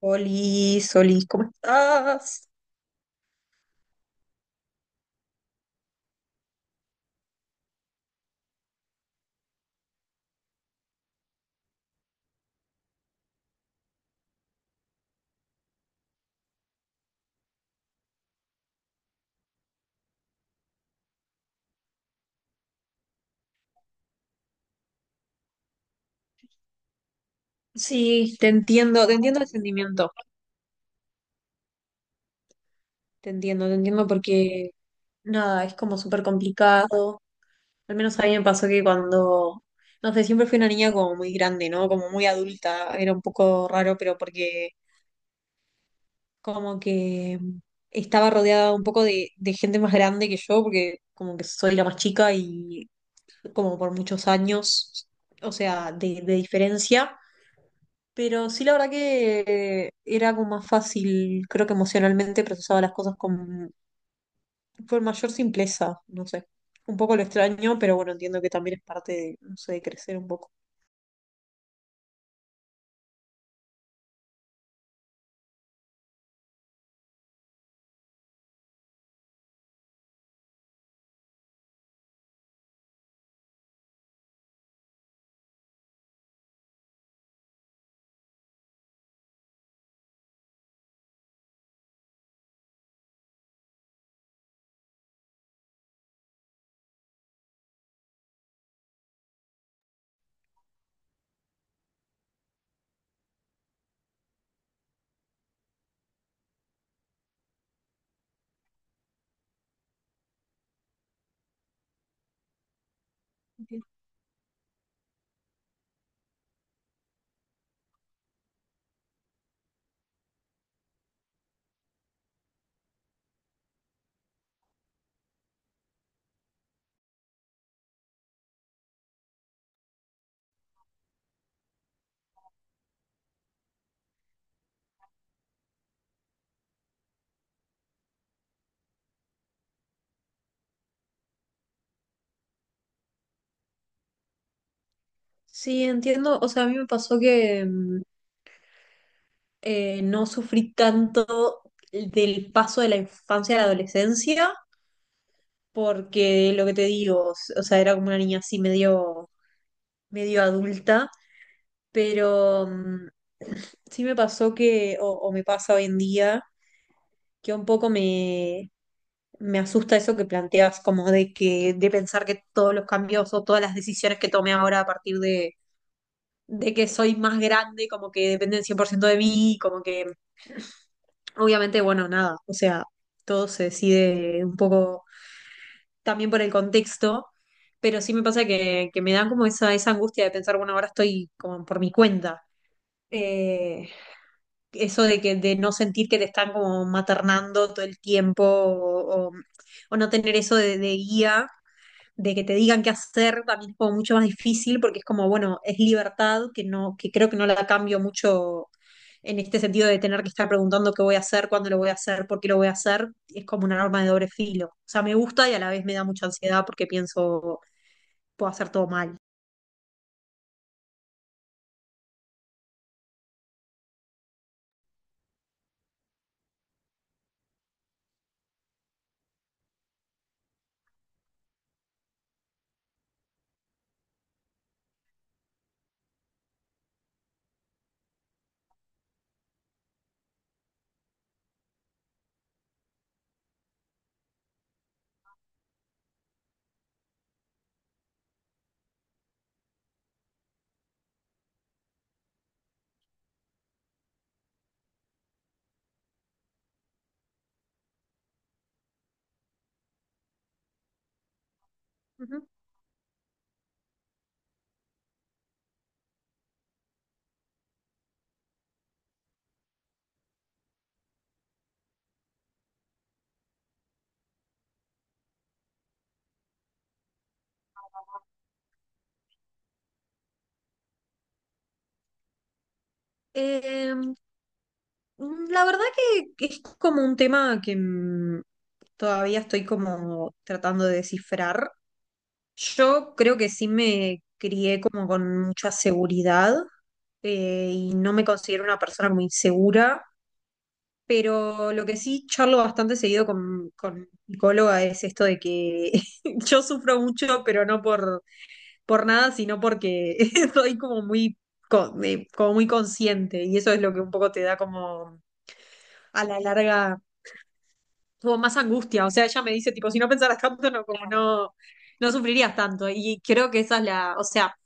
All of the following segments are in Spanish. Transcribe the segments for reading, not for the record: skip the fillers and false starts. Oli, Solís, ¿cómo estás? Sí, te entiendo el sentimiento, te entiendo porque nada, es como súper complicado. Al menos a mí me pasó que cuando, no sé, siempre fui una niña como muy grande, ¿no? Como muy adulta, era un poco raro, pero porque como que estaba rodeada un poco de gente más grande que yo, porque como que soy la más chica y como por muchos años, o sea, de diferencia. Pero sí, la verdad que era como más fácil, creo que emocionalmente procesaba las cosas con mayor simpleza, no sé. Un poco lo extraño, pero bueno, entiendo que también es parte de, no sé, de crecer un poco. Entiendo. Sí, entiendo, o sea, a mí me pasó que no sufrí tanto del paso de la infancia a la adolescencia, porque lo que te digo, o sea, era como una niña así medio medio adulta. Pero sí me pasó que, o me pasa hoy en día, que un poco me asusta eso que planteas, como de que, de pensar que todos los cambios o todas las decisiones que tomé ahora a partir de que soy más grande, como que dependen 100% de mí, como que, obviamente, bueno, nada, o sea, todo se decide un poco también por el contexto. Pero sí me pasa que me dan como esa angustia de pensar, bueno, ahora estoy como por mi cuenta. Eh, Eso de que de no sentir que te están como maternando todo el tiempo o no tener eso de guía, de que te digan qué hacer, también es como mucho más difícil porque es como, bueno, es libertad que no, que creo que no la cambio mucho en este sentido de tener que estar preguntando qué voy a hacer, cuándo lo voy a hacer, por qué lo voy a hacer, es como una arma de doble filo. O sea, me gusta y a la vez me da mucha ansiedad porque pienso, puedo hacer todo mal. Ujú. Em, La verdad que es como un tema que todavía estoy como tratando de descifrar. Yo creo que sí me crié como con mucha seguridad, y no me considero una persona muy insegura, pero lo que sí charlo bastante seguido con mi psicóloga es esto de que yo sufro mucho, pero no por nada, sino porque soy como muy, como muy consciente y eso es lo que un poco te da como a la larga tuvo más angustia. O sea, ella me dice, tipo, si no pensaras tanto, no, como claro. No, no sufrirías tanto. Y creo que esa es la, o sea,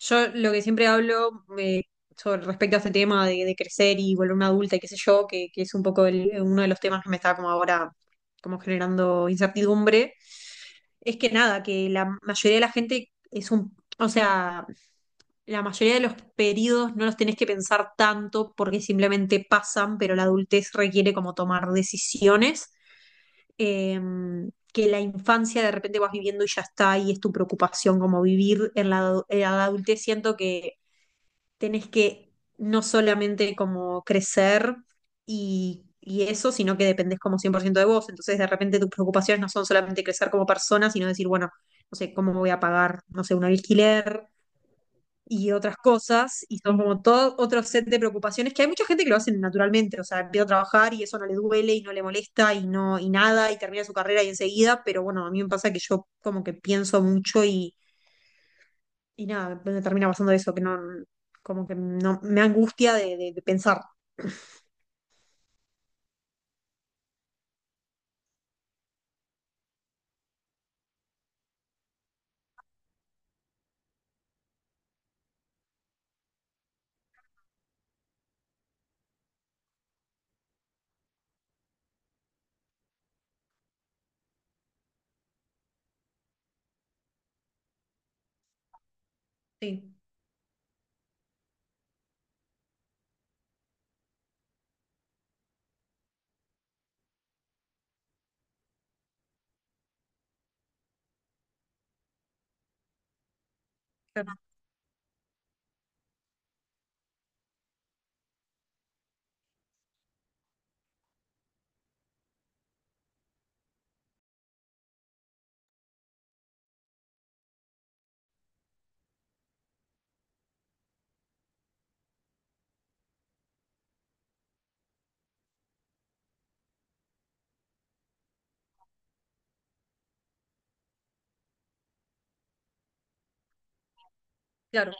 yo lo que siempre hablo sobre respecto a este tema de crecer y volverme adulta y qué sé yo, que es un poco uno de los temas que me está como ahora, como generando incertidumbre, es que nada, que la mayoría de la gente es un, o sea... La mayoría de los periodos no los tenés que pensar tanto porque simplemente pasan, pero la adultez requiere como tomar decisiones, que la infancia de repente vas viviendo y ya está, y es tu preocupación como vivir en la, en la adultez. Siento que tenés que no solamente como crecer y eso, sino que dependés como 100% de vos. Entonces de repente tus preocupaciones no son solamente crecer como persona, sino decir, bueno, no sé, cómo voy a pagar, no sé, un alquiler, y otras cosas, y son como todo otro set de preocupaciones que hay mucha gente que lo hace naturalmente, o sea, empieza a trabajar y eso no le duele y no le molesta y no y nada y termina su carrera y enseguida, pero bueno, a mí me pasa que yo como que pienso mucho y nada, me termina pasando eso, que no, como que no, me angustia de, de pensar. Sí, claro. Claro.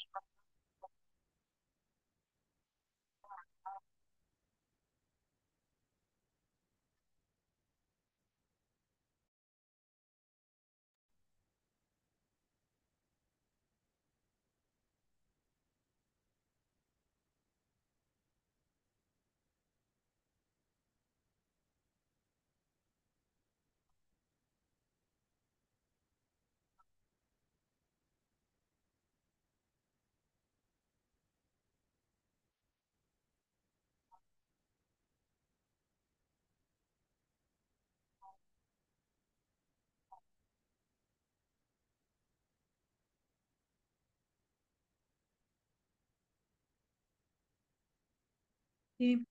Sí.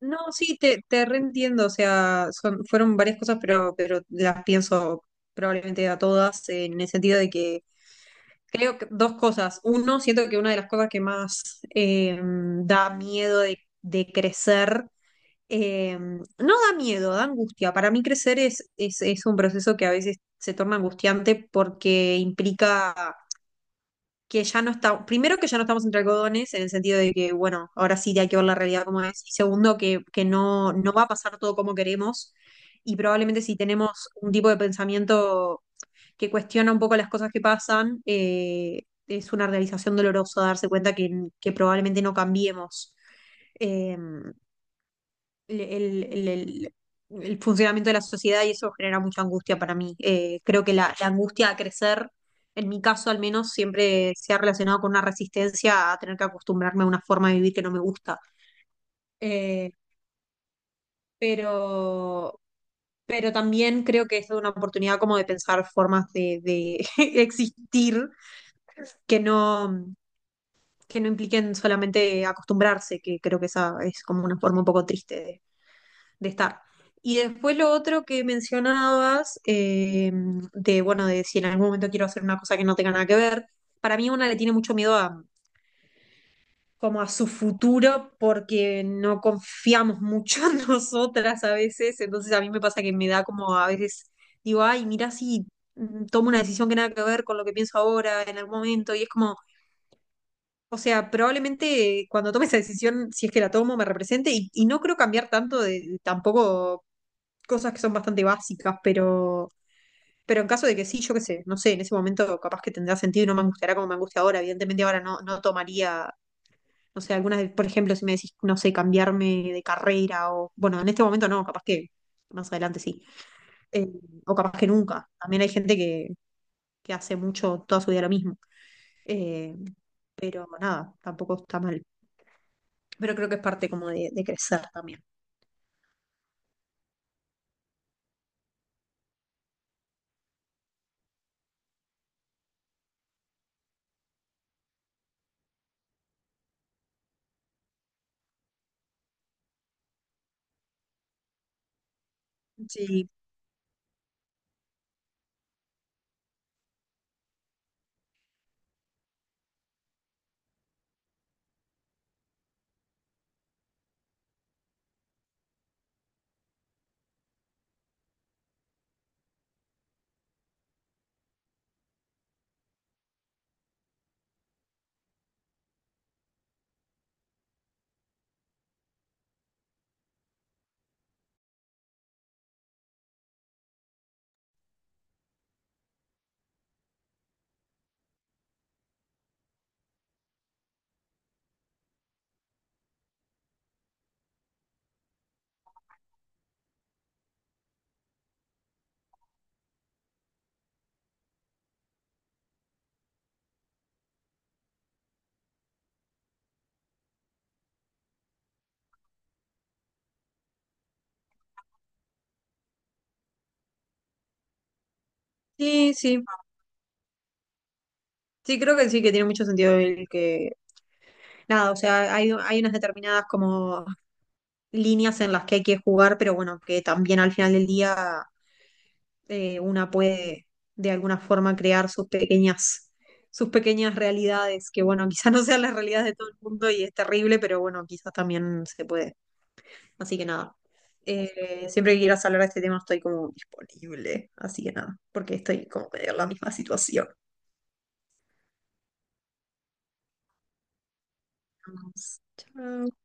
No, sí, te reentiendo, o sea, son, fueron varias cosas, pero las pienso probablemente a todas, en el sentido de que creo que dos cosas. Uno, siento que una de las cosas que más da miedo de crecer, eh, no da miedo, da angustia. Para mí crecer es un proceso que a veces se torna angustiante porque implica que ya no está, primero que ya no estamos entre algodones, en el sentido de que, bueno, ahora sí hay que ver la realidad como es. Y segundo, que no, no va a pasar todo como queremos. Y probablemente si tenemos un tipo de pensamiento que cuestiona un poco las cosas que pasan, es una realización dolorosa darse cuenta que probablemente no cambiemos eh, el, el- el- el- el funcionamiento de la sociedad y eso genera mucha angustia para mí. Creo que la angustia a crecer, en mi caso al menos, siempre se ha relacionado con una resistencia a tener que acostumbrarme a una forma de vivir que no me gusta. Eh, pero, pero también creo que es una oportunidad como de pensar formas de existir que no, que no impliquen solamente acostumbrarse, que creo que esa es como una forma un poco triste de estar. Y después lo otro que mencionabas, de bueno, de si en algún momento quiero hacer una cosa que no tenga nada que ver, para mí una le tiene mucho miedo a como a su futuro porque no confiamos mucho en nosotras a veces, entonces a mí me pasa que me da como a veces, digo, ay, mira si tomo una decisión que nada que ver con lo que pienso ahora en algún momento y es como o sea, probablemente cuando tome esa decisión, si es que la tomo, me represente y no creo cambiar tanto de tampoco cosas que son bastante básicas, pero en caso de que sí, yo qué sé, no sé, en ese momento capaz que tendrá sentido y no me angustiará como me angustia ahora. Evidentemente ahora no, no tomaría, no sé, algunas, por ejemplo, si me decís, no sé, cambiarme de carrera o, bueno, en este momento no, capaz que más adelante sí, eh, o capaz que nunca. También hay gente que hace mucho toda su vida lo mismo. Eh, pero nada, tampoco está mal. Pero creo que es parte como de crecer también. Sí, sí, sí. Sí, creo que sí, que tiene mucho sentido el que. Nada, o sea, hay unas determinadas como líneas en las que hay que jugar, pero bueno, que también al final del día una puede de alguna forma crear sus pequeñas realidades, que bueno, quizás no sean las realidades de todo el mundo y es terrible, pero bueno, quizás también se puede. Así que nada. Siempre que quieras hablar de este tema estoy como disponible. Así que nada, porque estoy como medio en la misma situación. Nos vemos. Chao.